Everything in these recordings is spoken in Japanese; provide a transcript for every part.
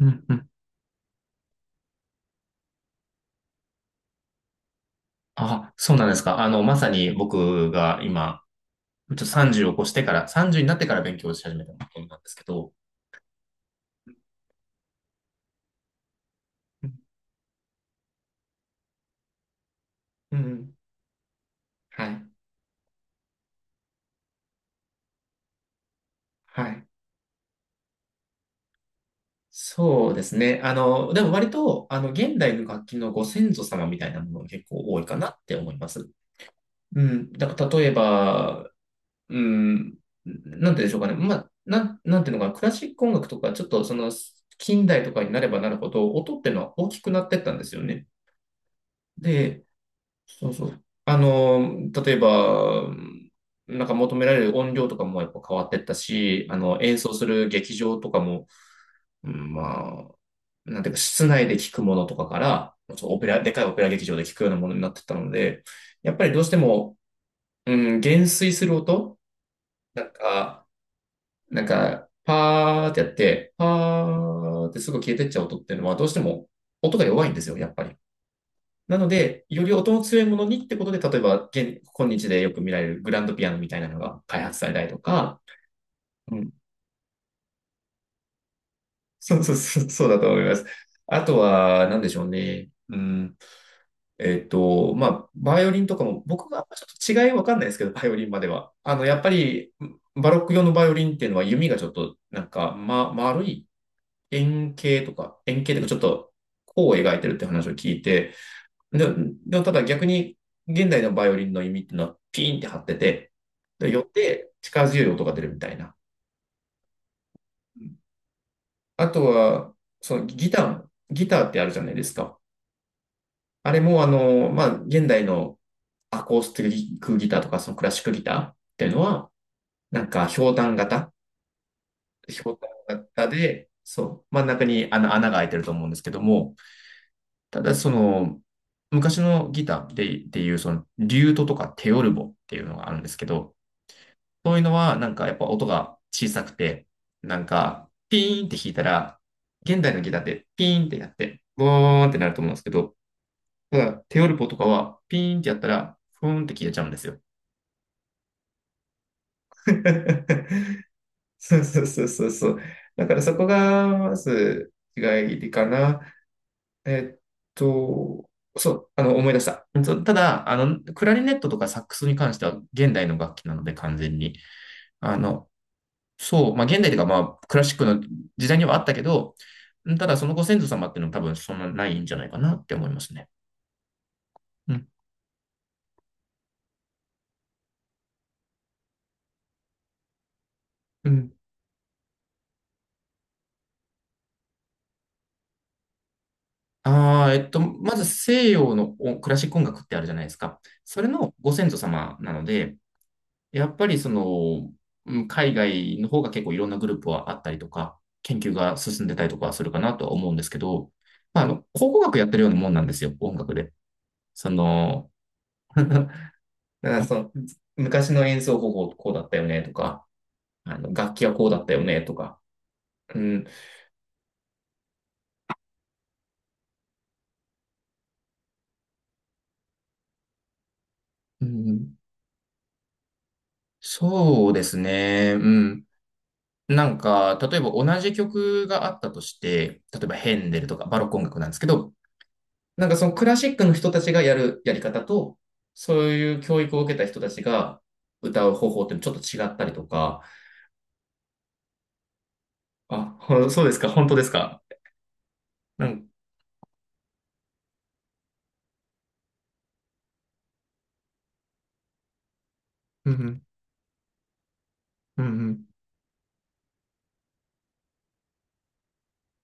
うんうん。あ、そうなんですか。まさに僕が今、ちょっと30を越してから、30になってから勉強し始めたことなんですけど、うん、うんはい、はい。そうですね。でも割と、現代の楽器のご先祖様みたいなものが結構多いかなって思います。うん。だから例えば、うん、なんて言うんでしょうかね。まあ、なん、なんていうのかな、クラシック音楽とか、ちょっとその、近代とかになればなるほど、音っていうのは大きくなってったんですよね。で、そうそう。例えば、なんか求められる音量とかもやっぱ変わってったし、演奏する劇場とかも、うん、まあ、なんていうか、室内で聞くものとかから、そうオペラ、でかいオペラ劇場で聞くようなものになってったので、やっぱりどうしても、うん、減衰する音なんか、パーってやって、パーってすぐ消えてっちゃう音っていうのは、どうしても音が弱いんですよ、やっぱり。なので、より音の強いものにってことで、例えば、今日でよく見られるグランドピアノみたいなのが開発されたりとか、うん、そうそうそう、そうだと思います。あとは、なんでしょうね。バイオリンとかも、ちょっと違いわかんないですけど、バイオリンまでは。やっぱり、バロック用のバイオリンっていうのは弓がちょっと、丸い円形とか、ちょっと、弧を描いてるって話を聞いて、で、でもただ逆に、現代のバイオリンの弓っていうのはピーンって張ってて、で、よって力強い音が出るみたいな。あとは、そのギターってあるじゃないですか。あれも、現代のアコースティックギターとか、そのクラシックギターっていうのは、なんか、ひょうたん型で、そう、真ん中にあの穴が開いてると思うんですけども、ただ、その、昔のギターで、っていう、その、リュートとかテオルボっていうのがあるんですけど、そういうのは、なんかやっぱ音が小さくて、なんか、ピーンって弾いたら、現代のギターってピーンってやって、ボーンってなると思うんですけど、ただ、テオルポとかは、ピーンってやったら、ふーんって消えちゃうんですよ。そうそうそうそうそう。だからそこが、まず、違いかな。えっと、思い出した。そうただ、クラリネットとかサックスに関しては現代の楽器なので完全に。あの、現代というかまあクラシックの時代にはあったけど、うんただそのご先祖様っていうのは多分そんなないんじゃないかなって思いますね。うん。うん。ああ、まず西洋のおクラシック音楽ってあるじゃないですか。それのご先祖様なので、やっぱりその、うん海外の方が結構いろんなグループはあったりとか、研究が進んでたりとかするかなとは思うんですけど、考古学やってるようなもんなんですよ、音楽で。その、だからその昔の演奏方法こうだったよねとか、楽器はこうだったよね、とか。うん。うん、そうですね。うん。なんか、例えば同じ曲があったとして、例えばヘンデルとかバロック音楽なんですけど、なんかそのクラシックの人たちがやるやり方と、そういう教育を受けた人たちが歌う方法ってちょっと違ったりとか、あ、ほそうですか、本当ですか。うん。うんうんうんうん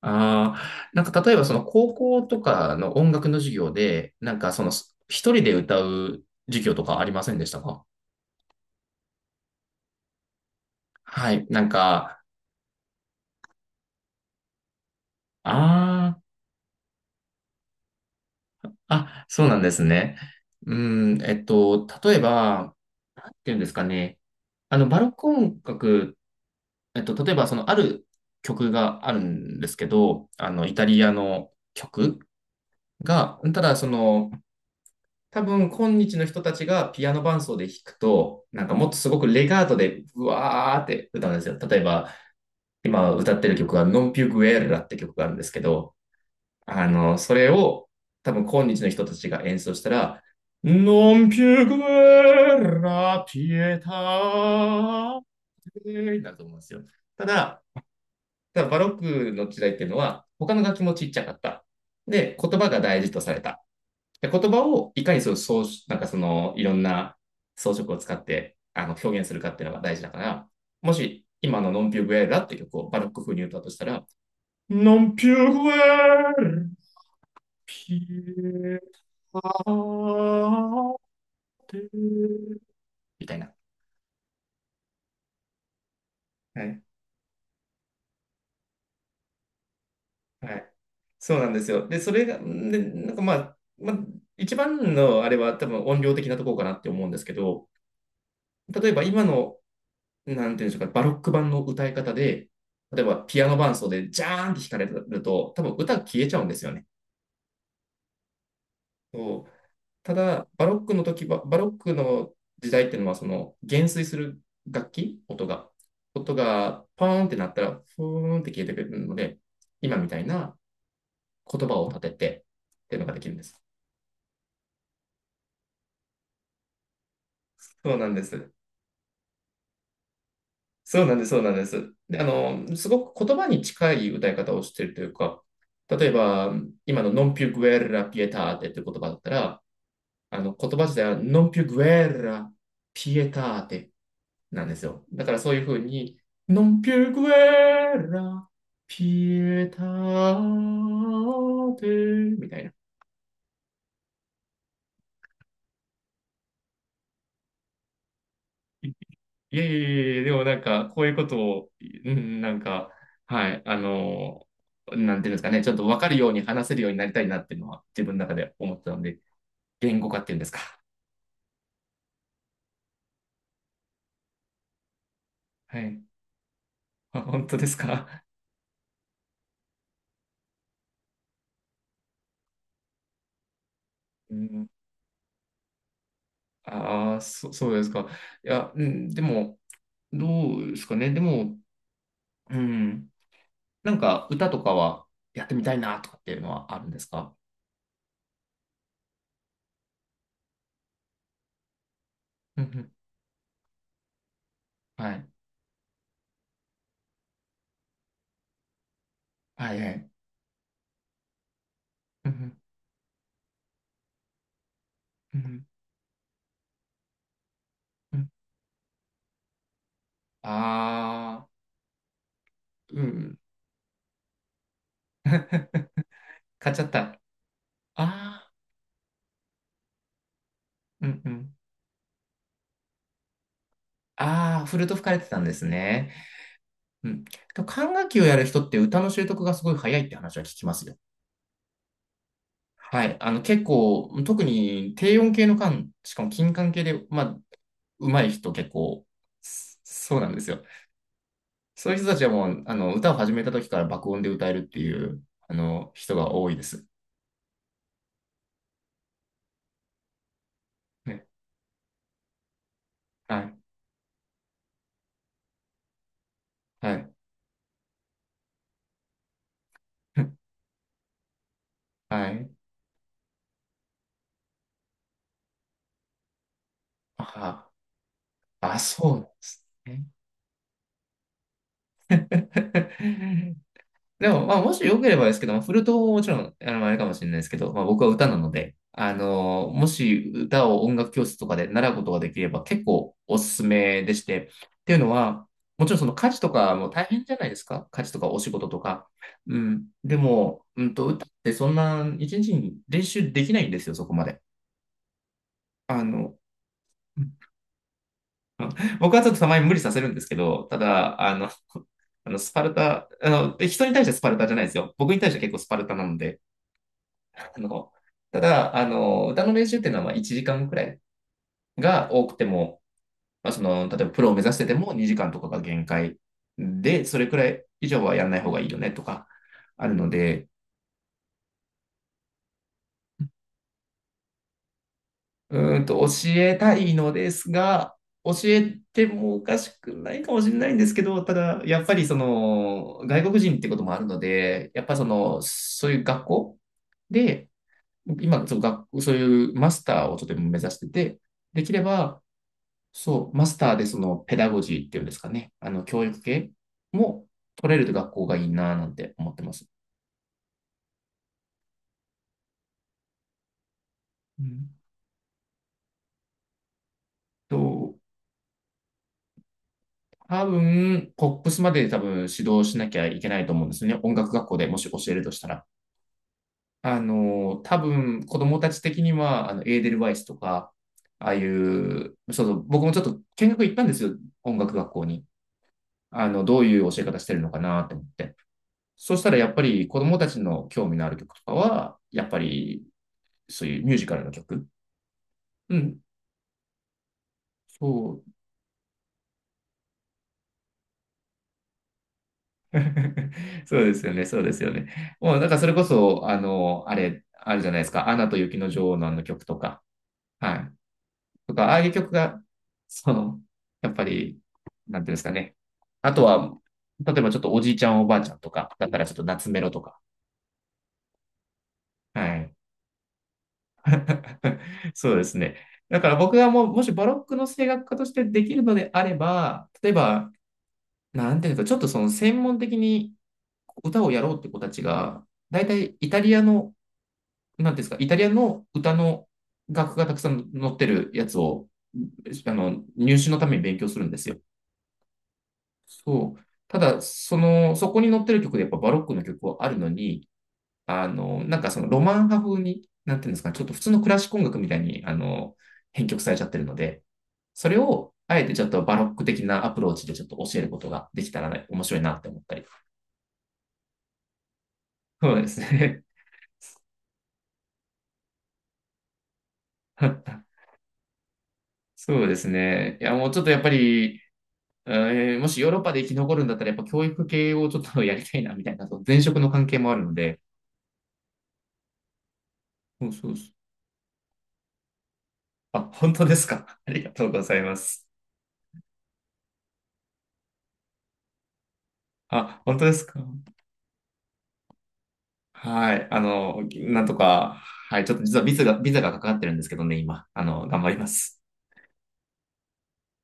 ああ、なんか例えばその高校とかの音楽の授業で、なんかその一人で歌う授業とかありませんでしたか。はい、なんか、ああ、あ、そうなんですね。う例えば、なんていうんですかね。あの、バロック音楽、えっと、例えばそのある曲があるんですけど、イタリアの曲が、ただその、多分今日の人たちがピアノ伴奏で弾くと、なんかもっとすごくレガートでうわーって歌うんですよ。例えば今歌ってる曲がノンピュグエルラって曲があるんですけど、あの、それを多分今日の人たちが演奏したら、ノンピュグエルラピエターになると思うんですよ。ただ、ただバロックの時代っていうのは他の楽器もちっちゃかった。で、言葉が大事とされた。で言葉をいかにそう装なんかその、いろんな装飾を使ってあの表現するかっていうのが大事だから、もし今のノンピューグエラって曲をバロック風に歌うとしたら、ノンピューグエラ、ピエタテ、みたいな。はい。はい。そうなんですよ。で、それが、で、なんかまあ、まあ、一番のあれは多分音量的なところかなって思うんですけど、例えば今のなんていうんでしょうか、バロック版の歌い方で、例えばピアノ伴奏でジャーンって弾かれると、多分歌が消えちゃうんですよね。そうただ、バロックの時は、バロックの時代っていうのは、その減衰する楽器、音がポーンってなったら、ふーんって消えてくれるので、今みたいな言葉を立ててっていうのができるんです。そうなんです。そうなんです、そうなんです。で、あの、すごく言葉に近い歌い方をしているというか、例えば、今の Non più guerra pietate っていう言葉だったら、あの、言葉自体は Non più guerra pietate なんですよ。だからそういうふうに、Non più guerra pietate みたいな。いえいえいえ、でもなんか、こういうことを、うん、なんか、はい、あの、なんていうんですかね、ちょっと分かるように話せるようになりたいなっていうのは自分の中で思ってたので、言語化っていうんですか。はい。あ、本当ですか。うん、そうですか。いや、うん、でも、どうですかね。でも、うん、なんか歌とかはやってみたいなとかっていうのはあるんですか。うんうんはい。はいはい。うんうんうんうんああー、うん。買っちゃった。ああ、うんうん。ああ、フルとト吹かれてたんですね。うん。でも管楽器をやる人って歌の習得がすごい早いって話は聞きますよ。はい。あの、結構、特に低音系の管、しかも金管系で、まあ、上手い人結構、そうなんですよ。そういう人たちはもう、あの、歌を始めた時から爆音で歌えるっていう、あの、人が多いです。ね。はい。はい。はい。ああ、そうなんですね。でも、まあ、もし良ければですけど、まあフルートももちろん、あれかもしれないですけど、まあ、僕は歌なので、もし歌を音楽教室とかで習うことができれば結構おすすめでして、っていうのは、もちろんその家事とかも大変じゃないですか、家事とかお仕事とか。うん。でも、歌ってそんな一日に練習できないんですよ、そこまで。あの、僕はちょっとたまに無理させるんですけど、ただ、あの、スパルタ、あの、人に対してスパルタじゃないですよ。僕に対して結構スパルタなので、あの、ただ、歌の練習っていうのはまあ1時間くらいが多くても、まあ、その、例えばプロを目指してても2時間とかが限界で、それくらい以上はやんない方がいいよね、とかあるので、教えたいのですが、教えてもおかしくないかもしれないんですけど、ただ、やっぱりその、外国人ってこともあるので、やっぱその、そういう学校で、今、そう、そういうマスターをちょっと目指してて、できれば、そう、マスターでそのペダゴジーっていうんですかね、あの教育系も取れる学校がいいななんて思ってます。うんと、多分、ポップスまで多分指導しなきゃいけないと思うんですよね。音楽学校でもし教えるとしたら。多分、子供たち的には、エーデルワイスとか、ああいう、そうそう、僕もちょっと見学行ったんですよ。音楽学校に。どういう教え方してるのかなって思って。そしたらやっぱり子供たちの興味のある曲とかは、やっぱりそういうミュージカルの曲。うん。そう。そうですよね、そうですよね。もう、なんかそれこそ、あれ、あるじゃないですか。アナと雪の女王のあの曲とか。はい。とか、ああいう曲が、その、やっぱり、なんていうんですかね。あとは、例えばちょっとおじいちゃんおばあちゃんとか、だったらちょっと夏メロとか。はい。そうですね。だから僕がもう、もしバロックの声楽家としてできるのであれば、例えば、なんていうか、ちょっとその専門的に歌をやろうって子たちが、大体イタリアの、なんていうんですか、イタリアの歌の楽譜がたくさん載ってるやつを、入試のために勉強するんですよ。そう。ただ、その、そこに載ってる曲でやっぱバロックの曲はあるのに、なんかそのロマン派風に、なんていうんですか、ちょっと普通のクラシック音楽みたいに、編曲されちゃってるので、それを、あえてちょっとバロック的なアプローチでちょっと教えることができたらね、面白いなって思ったり。そうですね。そうですね。いや、もうちょっとやっぱり、もしヨーロッパで生き残るんだったら、やっぱ教育系をちょっとやりたいな、みたいな、そう前職の関係もあるので。そうそうそう。あ、本当ですか。ありがとうございます。あ、本当ですか。はい。なんとか、はい。ちょっと実はビザが、ビザがかかってるんですけどね、今。頑張ります。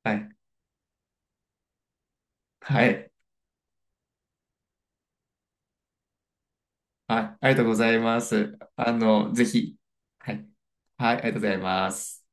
はい。はい。はい。ありがとうございます。あの、ぜひ。はい。はい。ありがとうございます。